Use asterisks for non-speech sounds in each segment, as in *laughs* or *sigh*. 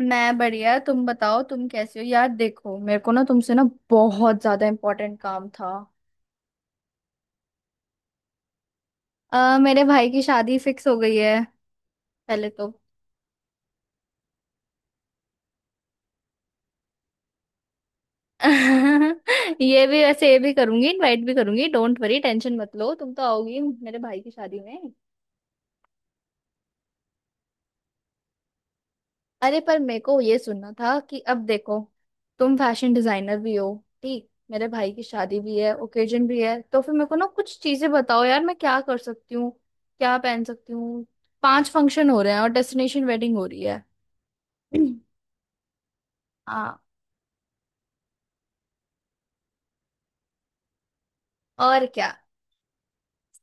मैं बढ़िया। तुम बताओ, तुम कैसे हो यार? देखो, मेरे को ना तुमसे ना बहुत ज्यादा इम्पोर्टेंट काम था। मेरे भाई की शादी फिक्स हो गई है पहले तो *laughs* ये भी वैसे, ये भी करूंगी, इनवाइट भी करूंगी, डोंट वरी, टेंशन मत लो। तुम तो आओगी मेरे भाई की शादी में? अरे पर मेरे को ये सुनना था कि अब देखो, तुम फैशन डिजाइनर भी हो, ठीक, मेरे भाई की शादी भी है, ओकेजन भी है, तो फिर मेरे को ना कुछ चीजें बताओ यार। मैं क्या कर सकती हूँ, क्या पहन सकती हूँ। पांच फंक्शन हो रहे हैं और डेस्टिनेशन वेडिंग हो रही है। *clears throat* हाँ। और क्या।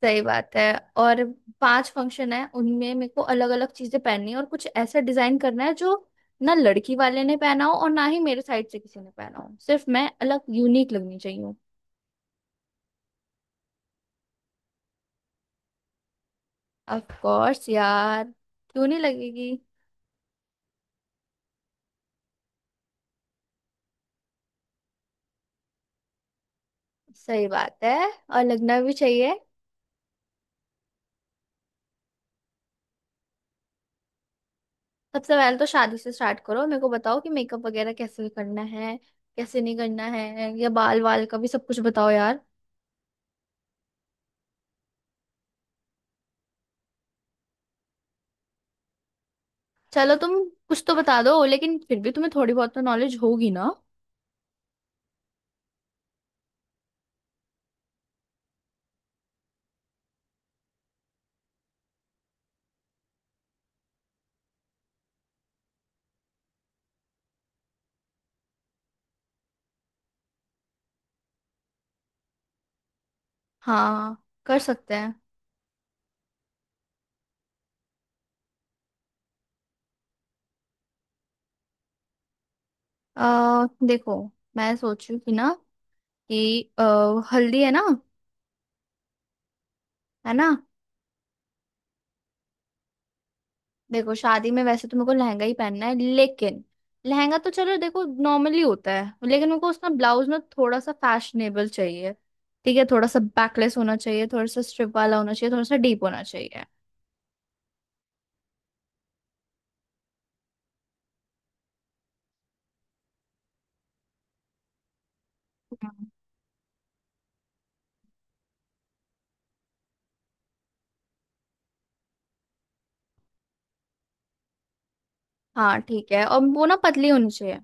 सही बात है। और पांच फंक्शन है, उनमें मेरे को अलग अलग चीजें पहननी है, और कुछ ऐसा डिजाइन करना है जो ना लड़की वाले ने पहना हो और ना ही मेरे साइड से किसी ने पहना हो। सिर्फ मैं अलग, यूनिक लगनी चाहिए। ऑफ कोर्स यार, क्यों नहीं लगेगी। सही बात है, और लगना भी चाहिए। सबसे पहले तो शादी से स्टार्ट करो, मेरे को बताओ कि मेकअप वगैरह कैसे करना है, कैसे नहीं करना है, या बाल वाल का भी सब कुछ बताओ यार। चलो तुम कुछ तो बता दो, लेकिन फिर भी तुम्हें थोड़ी बहुत तो नॉलेज होगी ना। हाँ, कर सकते हैं। देखो, मैं सोचू कि ना, कि अ, हल्दी है ना, है ना। देखो, शादी में वैसे तो मेरे को लहंगा ही पहनना है, लेकिन लहंगा तो चलो देखो नॉर्मली होता है, लेकिन मेरे को उसका ब्लाउज ना थोड़ा सा फैशनेबल चाहिए। ठीक है, थोड़ा सा बैकलेस होना चाहिए, थोड़ा सा स्ट्रिप वाला होना चाहिए, थोड़ा सा डीप होना चाहिए। हम्म। हाँ, ठीक है, और वो ना पतली होनी चाहिए।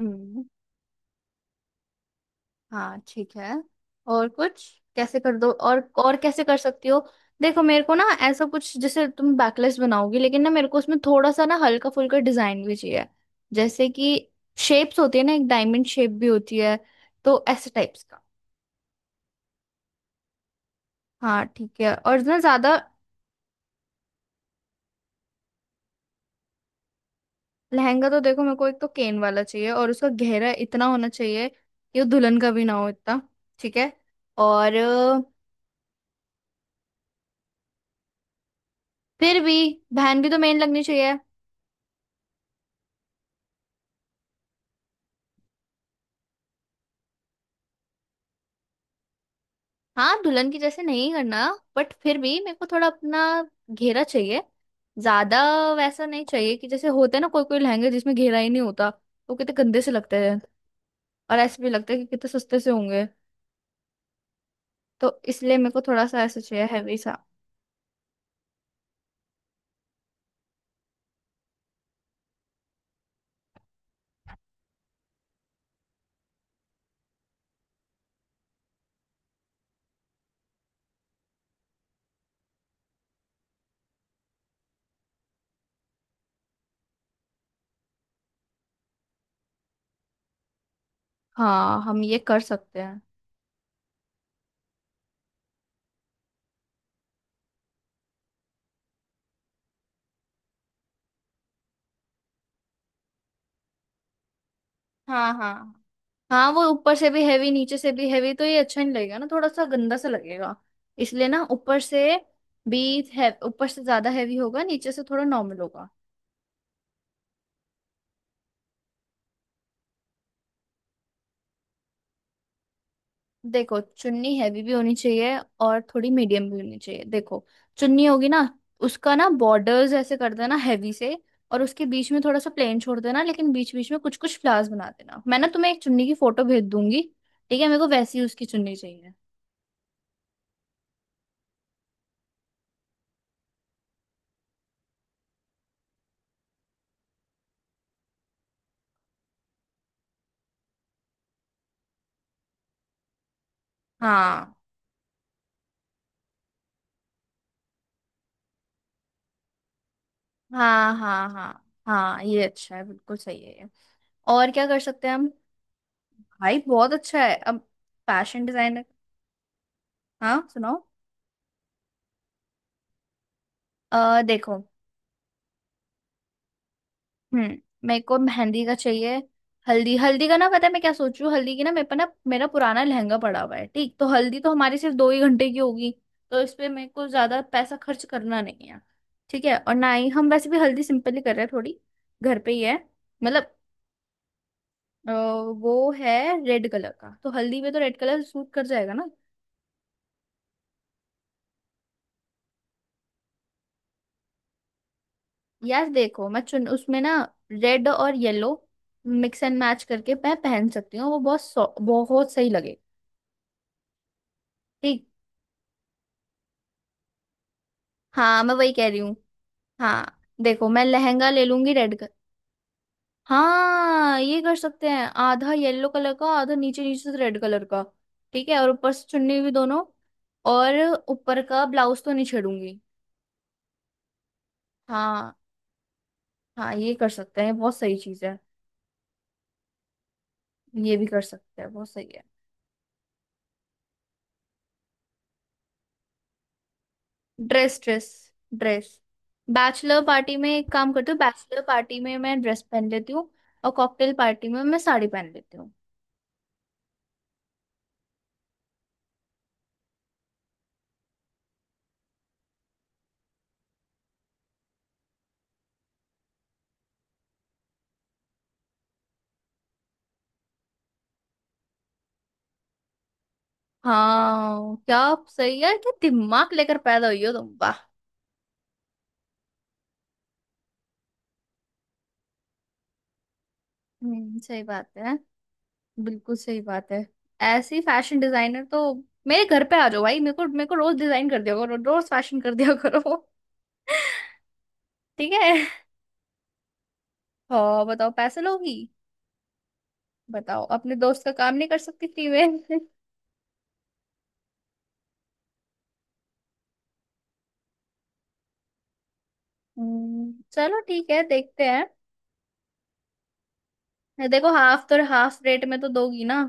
हम्म। हाँ ठीक है। और कुछ कैसे कर दो, और कैसे कर सकती हो। देखो, मेरे को ना ऐसा कुछ, जैसे तुम बैकलेस बनाओगी लेकिन ना मेरे को उसमें थोड़ा सा ना हल्का फुल्का डिजाइन भी चाहिए। जैसे कि शेप्स होती है ना, एक डायमंड शेप भी होती है, तो ऐसे टाइप्स का। हाँ ठीक है, और ना ज्यादा। लहंगा तो देखो, मेरे को एक तो केन वाला चाहिए, और उसका गहरा इतना होना चाहिए कि वो दुल्हन का भी ना हो इतना। ठीक है। और फिर भी बहन भी तो मेन लगनी चाहिए। हाँ, दुल्हन की जैसे नहीं करना, बट फिर भी मेरे को थोड़ा अपना घेरा चाहिए। ज्यादा वैसा नहीं चाहिए कि जैसे होते हैं ना कोई कोई लहंगे जिसमें घेरा ही नहीं होता, वो कितने गंदे से लगते हैं। और ऐसे भी लगता है कि कितने सस्ते से होंगे, तो इसलिए मेरे को थोड़ा सा ऐसा चाहिए, हैवी सा। हाँ, हम ये कर सकते हैं। हाँ हाँ। हाँ, वो ऊपर से भी हैवी, नीचे से भी हैवी, तो ये अच्छा नहीं लगेगा ना, थोड़ा सा गंदा सा लगेगा। इसलिए ना ऊपर से भी है, ऊपर से ज्यादा हैवी होगा, नीचे से थोड़ा नॉर्मल होगा। देखो, चुन्नी हैवी भी होनी चाहिए और थोड़ी मीडियम भी होनी चाहिए। देखो, चुन्नी होगी ना, उसका ना बॉर्डर्स ऐसे कर देना हैवी से, और उसके बीच में थोड़ा सा प्लेन छोड़ देना, लेकिन बीच बीच में कुछ कुछ फ्लावर्स बना देना। मैं ना तुम्हें एक चुन्नी की फोटो भेज दूंगी, ठीक है, मेरे को वैसी उसकी चुन्नी चाहिए। हाँ हाँ हाँ हाँ, हाँ ये अच्छा है, बिल्कुल सही है ये। और क्या कर सकते हैं हम। भाई बहुत अच्छा है अब फैशन डिजाइनर। हाँ सुनाओ। देखो। हम्म मेरे को मेहंदी का चाहिए। हल्दी हल्दी का ना, पता है मैं क्या सोच रही हूँ? हल्दी की ना, मेरे पे ना मेरा पुराना लहंगा पड़ा हुआ है ठीक, तो हल्दी तो हमारी सिर्फ 2 ही घंटे की होगी, तो इस पे मेरे को ज्यादा पैसा खर्च करना नहीं है। ठीक है, और ना ही हम वैसे भी हल्दी सिंपल ही कर रहे हैं थोड़ी, घर पे ही है। मतलब, वो है रेड कलर का, तो हल्दी में तो रेड कलर सूट कर जाएगा ना। यार देखो, मैं चुन उसमें ना रेड और येलो मिक्स एंड मैच करके मैं पहन सकती हूँ, वो बहुत बहुत सही लगे। ठीक। हाँ, मैं वही कह रही हूँ। हाँ देखो, मैं लहंगा ले लूंगी रेड कलर। हाँ, ये कर सकते हैं, आधा येलो कलर का, आधा नीचे, नीचे से रेड कलर का। ठीक है, और ऊपर से चुन्नी भी दोनों। और ऊपर का ब्लाउज तो नहीं छेड़ूंगी। हाँ, हाँ ये कर सकते हैं, बहुत सही चीज है। ये भी कर सकते हैं, बहुत सही है। Dress, dress, dress. Bachelor party में एक काम करती हूँ, बैचलर पार्टी में मैं ड्रेस पहन लेती हूँ। और कॉकटेल पार्टी में मैं साड़ी पहन लेती हूँ। हाँ क्या। सही है क्या, दिमाग लेकर पैदा हुई हो तुम, वाह। हम्म, सही बात है, बिल्कुल सही बात है। ऐसी फैशन डिजाइनर तो मेरे घर पे आ जाओ भाई, मेरे को, मेरे को रोज डिजाइन कर दिया करो, रोज फैशन कर दिया *laughs* करो। ठीक है। और बताओ, पैसे लोगी? बताओ, अपने दोस्त का काम नहीं कर सकती फ्री में? चलो ठीक है, देखते हैं। देखो, हाफ तो हाफ रेट में तो दोगी ना।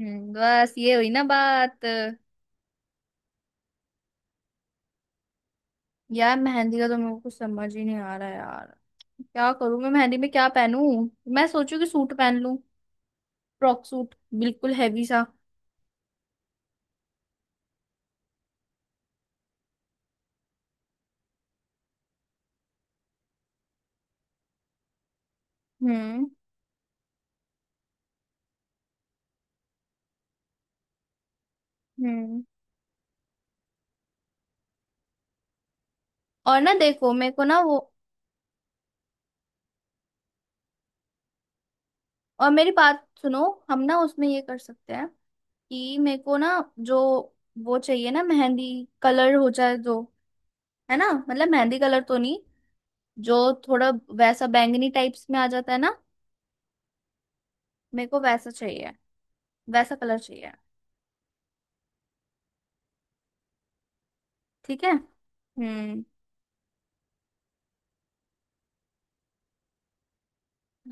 बस ये हुई ना बात। यार मेहंदी का तो मेरे को कुछ समझ ही नहीं आ रहा यार, क्या करूँ मैं? मेहंदी में क्या पहनूं? मैं सोचू कि सूट पहन लूं, फ्रॉक सूट, बिल्कुल हैवी सा। हम्म हम्म और ना देखो, मेरे को ना वो, और मेरी बात सुनो, हम ना उसमें ये कर सकते हैं कि मेरे को ना, जो वो चाहिए ना, मेहंदी कलर हो जाए जो, है ना, मतलब मेहंदी कलर तो नहीं, जो थोड़ा वैसा बैंगनी टाइप्स में आ जाता है ना, मेरे को वैसा चाहिए, वैसा कलर चाहिए। ठीक है। हम्म।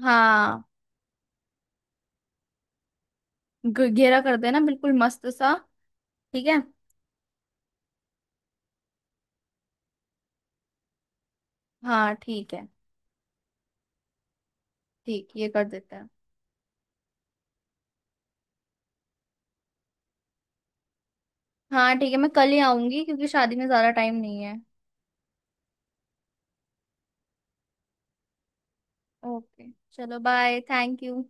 हाँ, घेरा कर देना बिल्कुल मस्त सा, ठीक है। हाँ, ठीक है। ठीक, ये कर देते हैं। हाँ ठीक है, मैं कल ही आऊंगी क्योंकि शादी में ज्यादा टाइम नहीं है। ओके, चलो बाय, थैंक यू।